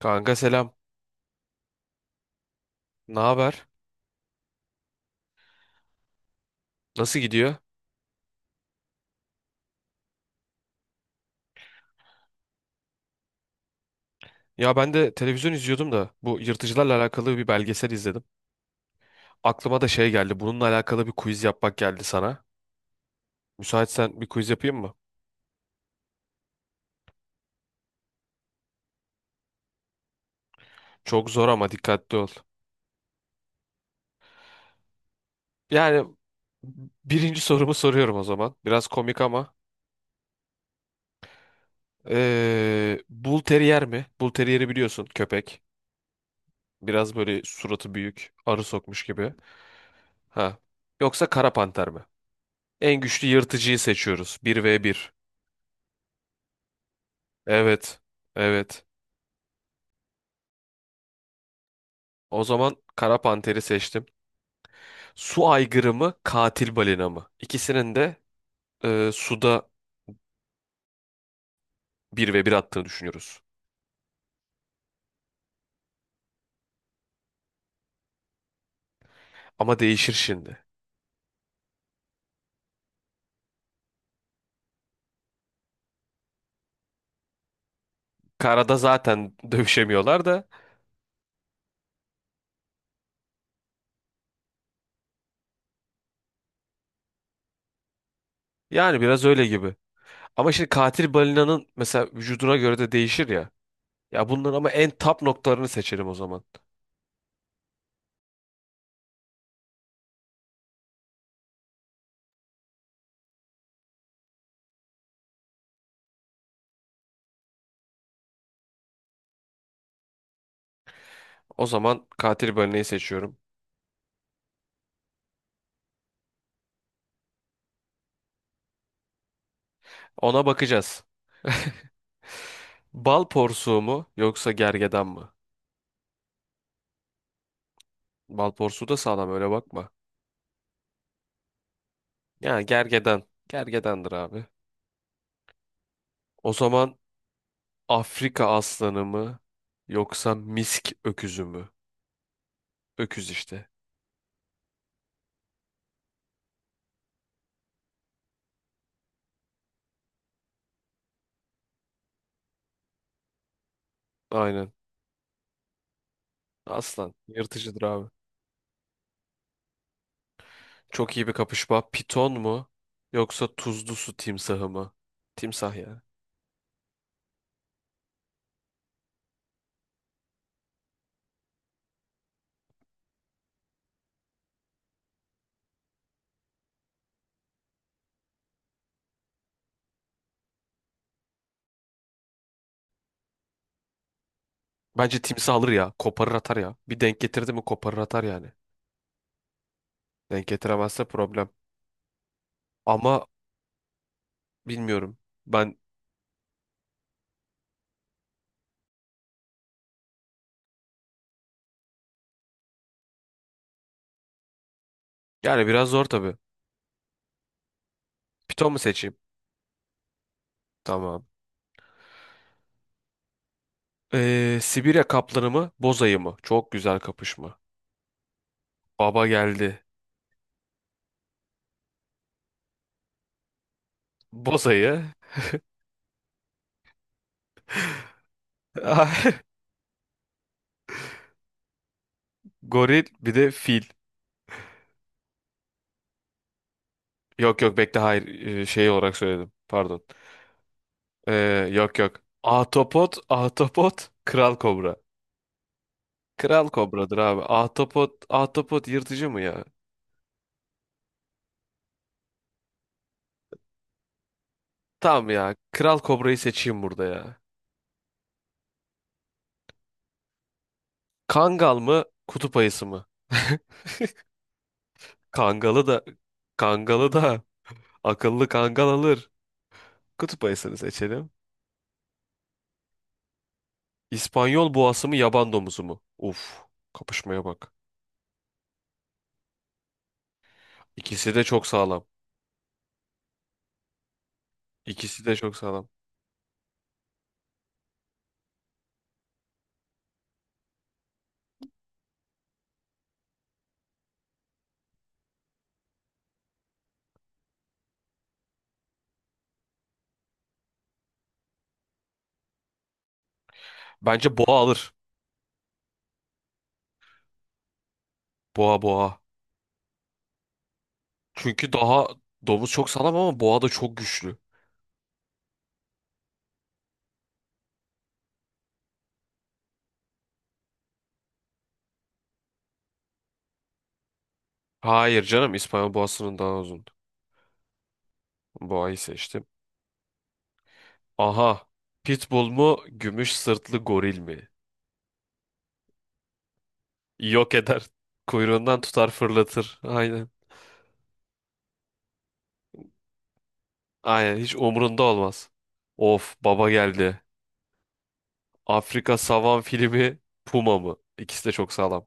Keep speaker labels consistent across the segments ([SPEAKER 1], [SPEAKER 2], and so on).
[SPEAKER 1] Kanka selam. Ne haber? Nasıl gidiyor? Ya ben de televizyon izliyordum da bu yırtıcılarla alakalı bir belgesel izledim. Aklıma da şey geldi. Bununla alakalı bir quiz yapmak geldi sana. Müsaitsen bir quiz yapayım mı? Çok zor ama dikkatli ol. Yani birinci sorumu soruyorum o zaman. Biraz komik ama. Bull Terrier mi? Bull Terrier'i biliyorsun köpek. Biraz böyle suratı büyük, arı sokmuş gibi. Ha. Yoksa Kara Panter mi? En güçlü yırtıcıyı seçiyoruz. Bir v bir. Evet. Evet. O zaman kara panteri seçtim. Su aygırı mı, katil balina mı? İkisinin de suda bir ve bir attığını düşünüyoruz. Ama değişir şimdi. Karada zaten dövüşemiyorlar da yani biraz öyle gibi. Ama şimdi katil balinanın mesela vücuduna göre de değişir ya. Ya bunların ama en top noktalarını seçelim o zaman. O zaman katil balinayı seçiyorum. Ona bakacağız. Bal porsuğu mu yoksa gergedan mı? Bal porsuğu da sağlam öyle bakma. Yani gergedan. Gergedandır abi. O zaman Afrika aslanı mı yoksa misk öküzü mü? Öküz işte. Aynen. Aslan. Yırtıcıdır abi. Çok iyi bir kapışma. Piton mu yoksa tuzlu su timsahı mı? Timsah yani. Bence timsah alır ya. Koparır atar ya. Bir denk getirdi mi koparır atar yani. Denk getiremezse problem. Ama bilmiyorum. Ben yani biraz zor tabii. Piton mu seçeyim? Tamam. Sibirya kaplanı mı? Boz ayı mı? Çok güzel kapışma. Baba geldi. Boz ayı. Goril bir de fil. Yok yok bekle hayır şey olarak söyledim. Pardon. Ee, yok yok. Ahtapot, kral kobra. Kral kobradır abi. Ahtapot yırtıcı mı ya? Tamam ya. Kral kobrayı seçeyim burada ya. Kangal mı, kutup ayısı mı? Kangalı da Kangalı da akıllı kangal alır. Kutup ayısını seçelim. İspanyol boğası mı yaban domuzu mu? Uf, kapışmaya bak. İkisi de çok sağlam. İkisi de çok sağlam. Bence boğa alır. Boğa. Çünkü daha domuz çok sağlam ama boğa da çok güçlü. Hayır canım İspanyol boğasının daha uzun. Boğayı seçtim. Aha. Pitbull mu gümüş sırtlı goril mi? Yok eder. Kuyruğundan tutar fırlatır. Aynen. Aynen hiç umurunda olmaz. Of baba geldi. Afrika savan fili mi puma mı? İkisi de çok sağlam.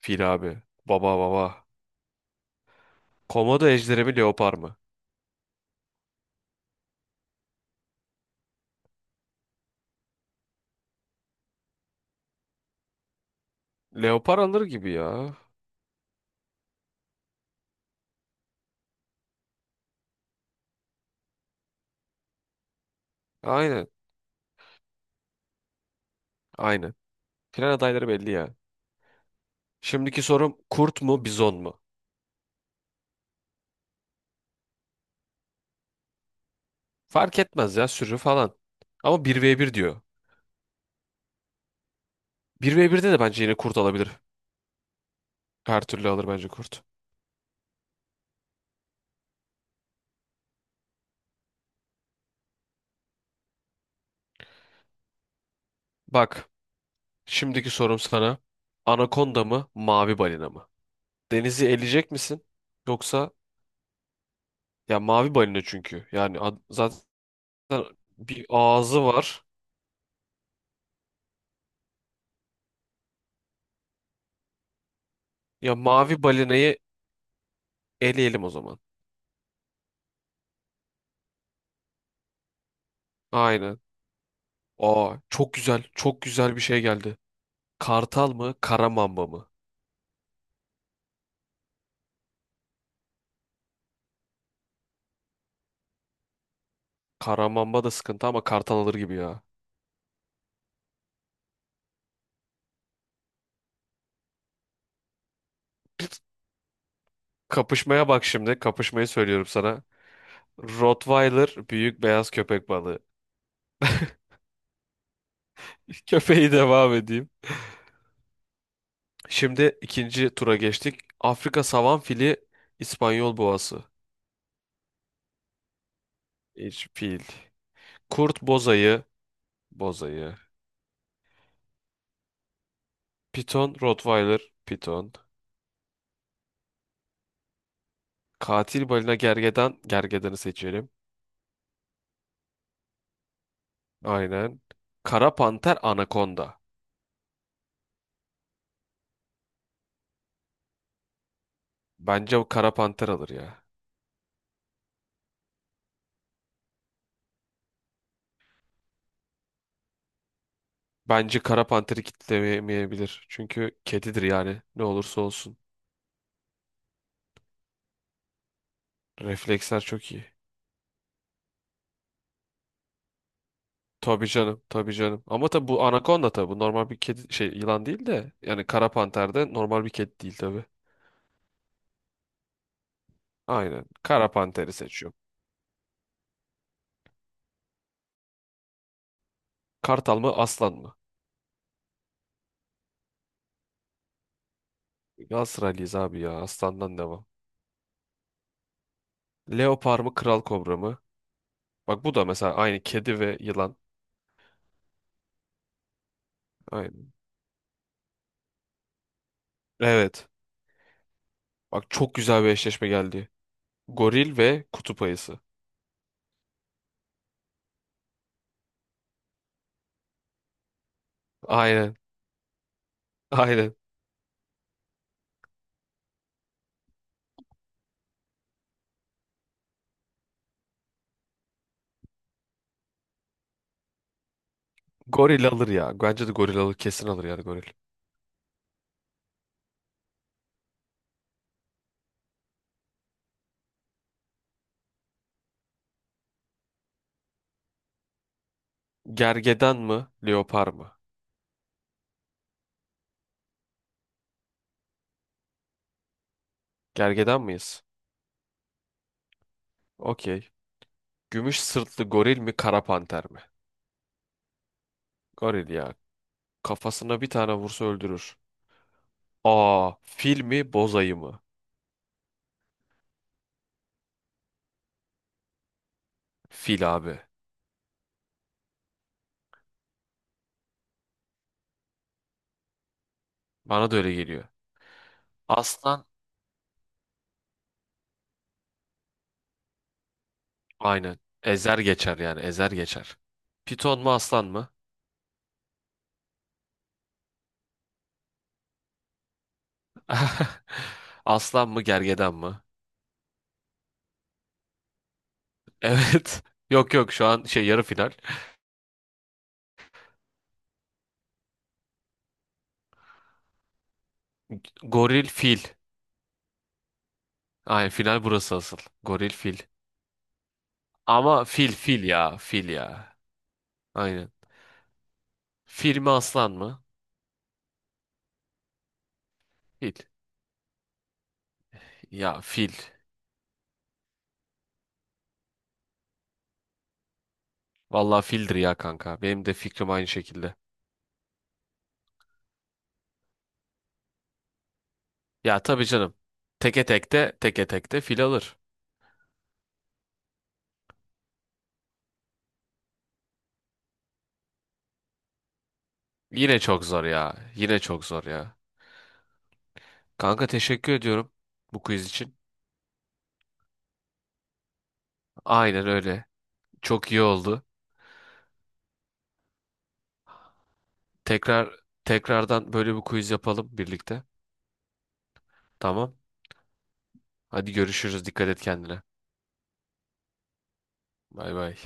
[SPEAKER 1] Fil abi. Baba baba. Komodo ejderi mi leopar mı? Leopar alır gibi ya. Aynen. Aynen. Final adayları belli ya. Şimdiki sorum kurt mu bizon mu? Fark etmez ya sürü falan. Ama bir ve bir diyor. Bir ve 1'de de bence yine kurt alabilir. Her türlü alır bence kurt. Bak şimdiki sorum sana. Anakonda mı mavi balina mı? Denizi eleyecek misin? Yoksa ya mavi balina çünkü. Yani ad- zaten bir ağzı var. Ya mavi balinayı eleyelim o zaman. Aynen. Aa çok güzel çok güzel bir şey geldi. Kartal mı kara mamba mı? Karamamba da sıkıntı ama kartal alır gibi ya. Kapışmaya bak şimdi. Kapışmayı söylüyorum sana. Rottweiler büyük beyaz köpek balığı. Köpeği devam edeyim. Şimdi ikinci tura geçtik. Afrika savan fili, İspanyol boğası. Hiç fil. Kurt bozayı, bozayı. Piton, Rottweiler, piton. Katil balina gergedan, gergedanı seçelim. Aynen. Kara panter, anakonda. Bence bu kara panter alır ya. Bence kara panteri kitlemeyebilir. Çünkü kedidir yani. Ne olursa olsun. Refleksler çok iyi. Tabii canım, tabii canım. Ama tabii bu anakonda tabii. Bu normal bir kedi şey yılan değil de yani kara panter de normal bir kedi değil tabii. Aynen. Kara panteri seçiyorum. Kartal mı, aslan mı? Galatasaraylıyız abi ya. Aslandan devam. Leopar mı, kral kobra mı? Bak bu da mesela aynı kedi ve yılan. Aynen. Evet. Bak çok güzel bir eşleşme geldi. Goril ve kutup ayısı. Aynen. Aynen. Goril alır ya. Bence de goril alır. Kesin alır yani goril. Gergedan mı? Leopar mı? Gergedan mıyız? Okey. Gümüş sırtlı goril mi? Kara panter mi? Goril ya. Kafasına bir tane vursa öldürür. Aa, fil mi? Boz ayı mı? Fil abi. Bana da öyle geliyor. Aslan aynen. Ezer geçer yani. Ezer geçer. Piton mu aslan mı? Aslan mı gergedan mı? Evet. Yok yok şu an şey yarı final. Goril fil. Aynen final burası asıl. Goril fil. Ama fil ya fil ya. Aynen. Fil mi aslan mı? Fil. Ya fil. Vallahi fildir ya kanka. Benim de fikrim aynı şekilde. Ya tabii canım. Teke tekte fil alır. Yine çok zor ya. Kanka teşekkür ediyorum bu quiz için. Aynen öyle. Çok iyi oldu. Tekrar tekrardan böyle bir quiz yapalım birlikte. Tamam. Hadi görüşürüz. Dikkat et kendine. Bay bay.